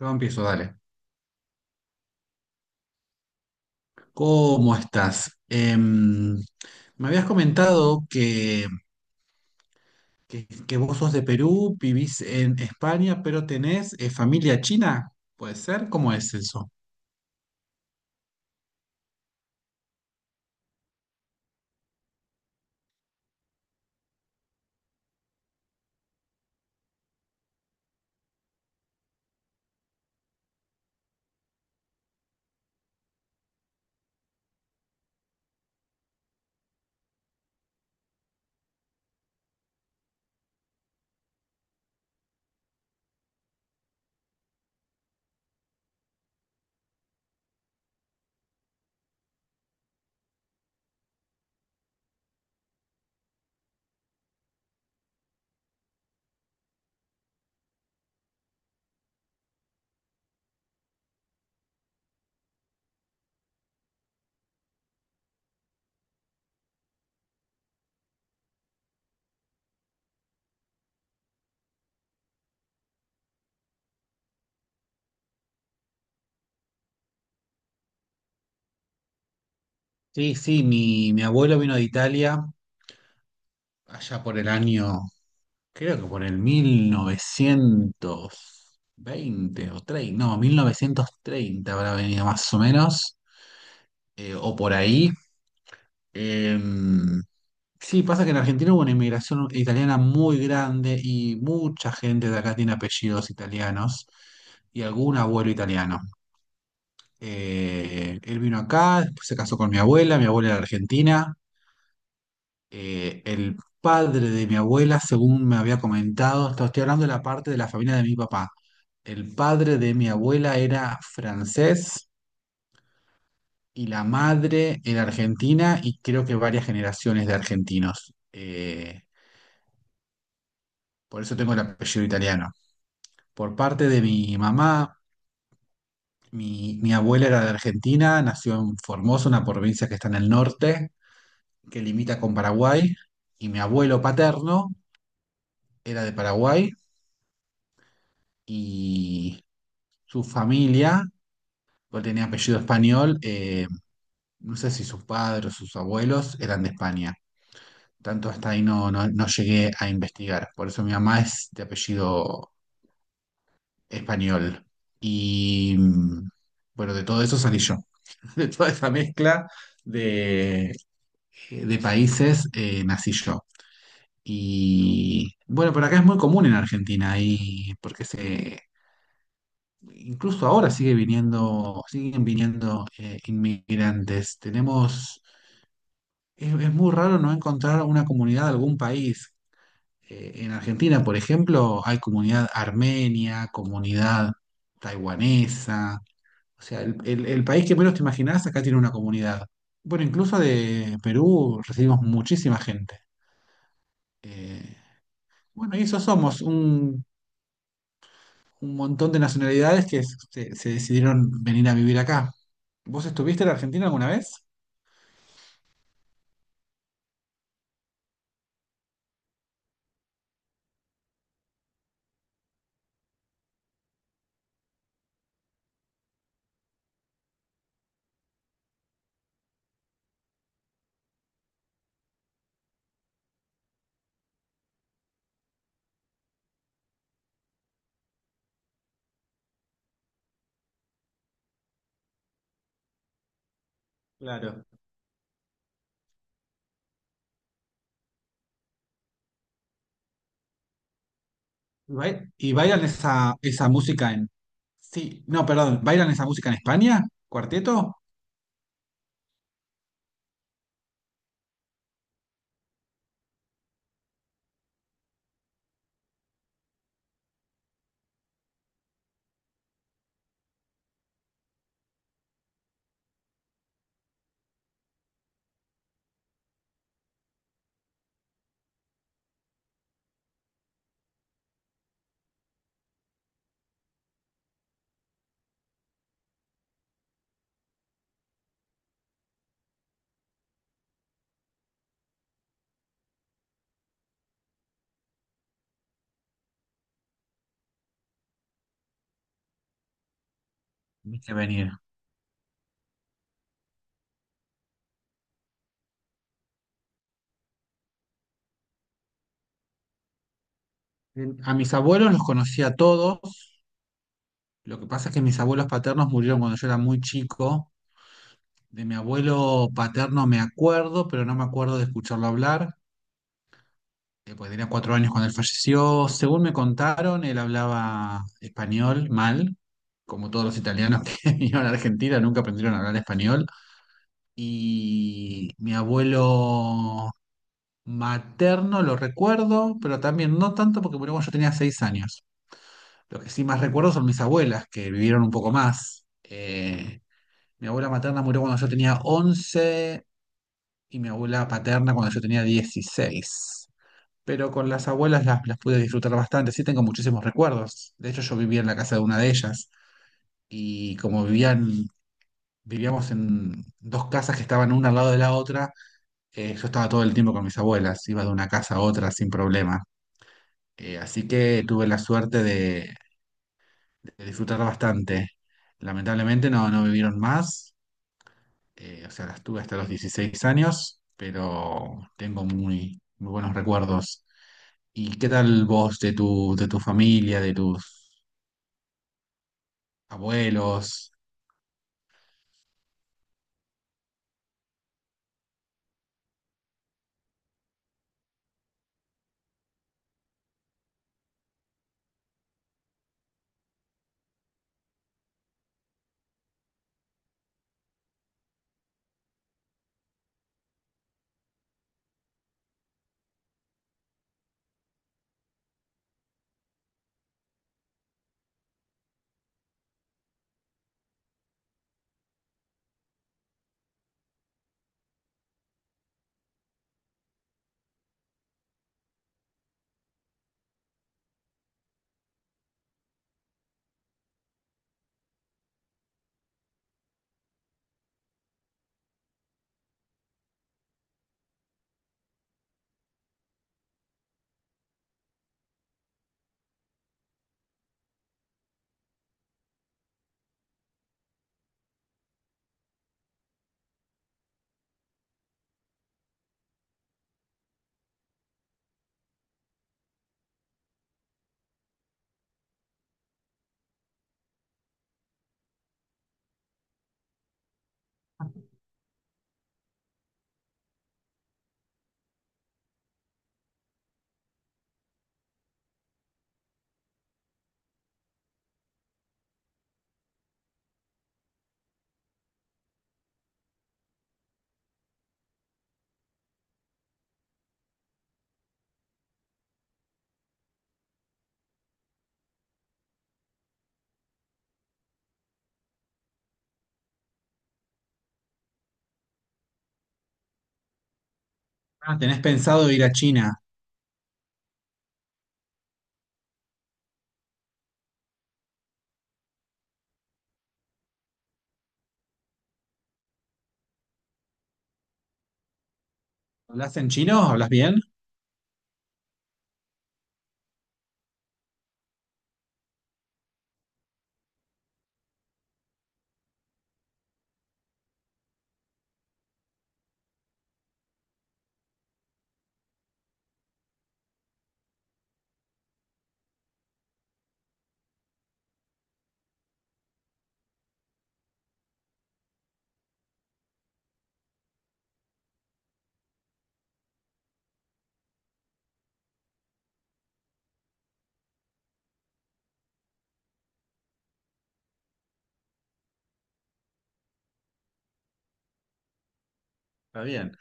Yo empiezo, dale. ¿Cómo estás? Me habías comentado que vos sos de Perú, vivís en España, pero tenés familia china. ¿Puede ser? ¿Cómo es eso? Sí, sí, mi abuelo vino de Italia allá por el año, creo que por el 1920 o 30, no, 1930 habrá venido más o menos, o por ahí. Em, Sí, pasa que en Argentina hubo una inmigración italiana muy grande y mucha gente de acá tiene apellidos italianos y algún abuelo italiano. Él vino acá, después se casó con mi abuela era argentina. El padre de mi abuela, según me había comentado, esto estoy hablando de la parte de la familia de mi papá. El padre de mi abuela era francés y la madre era argentina y creo que varias generaciones de argentinos. Por eso tengo el apellido italiano. Por parte de mi mamá, mi abuela era de Argentina, nació en Formosa, una provincia que está en el norte, que limita con Paraguay, y mi abuelo paterno era de Paraguay y su familia, porque tenía apellido español, no sé si sus padres o sus abuelos eran de España. Tanto hasta ahí no llegué a investigar, por eso mi mamá es de apellido español. Y bueno, de todo eso salí yo. De toda esa mezcla de, de países, nací yo. Y bueno, por acá es muy común en Argentina, y incluso ahora sigue viniendo, siguen viniendo inmigrantes. Tenemos, es muy raro no encontrar una comunidad de algún país. En Argentina, por ejemplo, hay comunidad armenia, comunidad taiwanesa. O sea, el país que menos te imaginás acá tiene una comunidad. Bueno, incluso de Perú recibimos muchísima gente. Eh, bueno, y eso somos, un montón de nacionalidades que se decidieron venir a vivir acá. ¿Vos estuviste en Argentina alguna vez? Claro. ¿Y bailan esa, esa música en... Sí, no, perdón, ¿bailan esa música en España? ¿Cuarteto? Ni que venir. A mis abuelos los conocí a todos. Lo que pasa es que mis abuelos paternos murieron cuando yo era muy chico. De mi abuelo paterno me acuerdo, pero no me acuerdo de escucharlo hablar. Pues tenía 4 años cuando él falleció. Según me contaron, él hablaba español mal, como todos los italianos que vinieron a Argentina, nunca aprendieron a hablar español. Y mi abuelo materno lo recuerdo, pero también no tanto porque murió cuando yo tenía 6 años. Lo que sí más recuerdo son mis abuelas, que vivieron un poco más. Mi abuela materna murió cuando yo tenía 11 y mi abuela paterna cuando yo tenía 16. Pero con las abuelas las pude disfrutar bastante. Sí, tengo muchísimos recuerdos. De hecho, yo vivía en la casa de una de ellas y vivíamos en dos casas que estaban una al lado de la otra, yo estaba todo el tiempo con mis abuelas. Iba de una casa a otra sin problema. Así que tuve la suerte de disfrutar bastante. Lamentablemente no vivieron más. O sea, las tuve hasta los 16 años, pero tengo muy, muy buenos recuerdos. ¿Y qué tal vos de tu familia, de tus abuelos? Ah, ¿tenés pensado ir a China? ¿Hablas en chino? ¿Hablas bien? Está bien.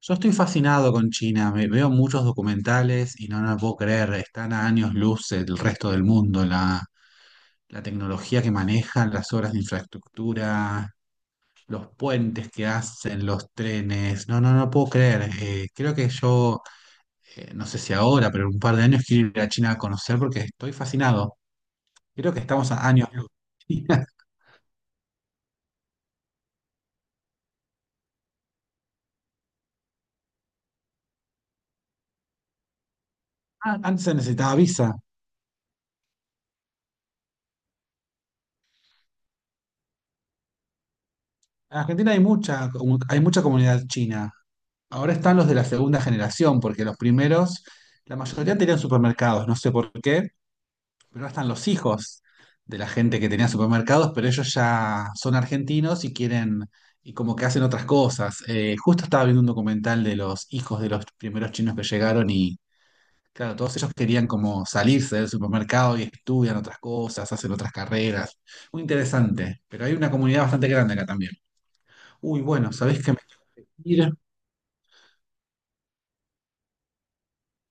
Yo estoy fascinado con China. Veo muchos documentales y no puedo creer. Están a años luz del resto del mundo. La tecnología que manejan, las obras de infraestructura, los puentes que hacen, los trenes. No puedo creer. Creo que no sé si ahora, pero en un par de años quiero ir a China a conocer porque estoy fascinado. Creo que estamos a años luz. Ah, antes se necesitaba visa. En Argentina hay hay mucha comunidad china. Ahora están los de la segunda generación, porque los primeros, la mayoría tenían supermercados, no sé por qué, pero ahora están los hijos de la gente que tenía supermercados, pero ellos ya son argentinos y quieren, y como que hacen otras cosas. Justo estaba viendo un documental de los hijos de los primeros chinos que llegaron. Y claro, todos ellos querían como salirse del supermercado y estudian otras cosas, hacen otras carreras. Muy interesante, pero hay una comunidad bastante grande acá también. Uy, bueno, ¿sabés qué me... Mira,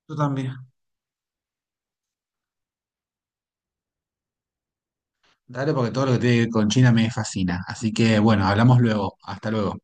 yo también. Dale, porque todo lo que tiene que ver con China me fascina. Así que bueno, hablamos luego. Hasta luego.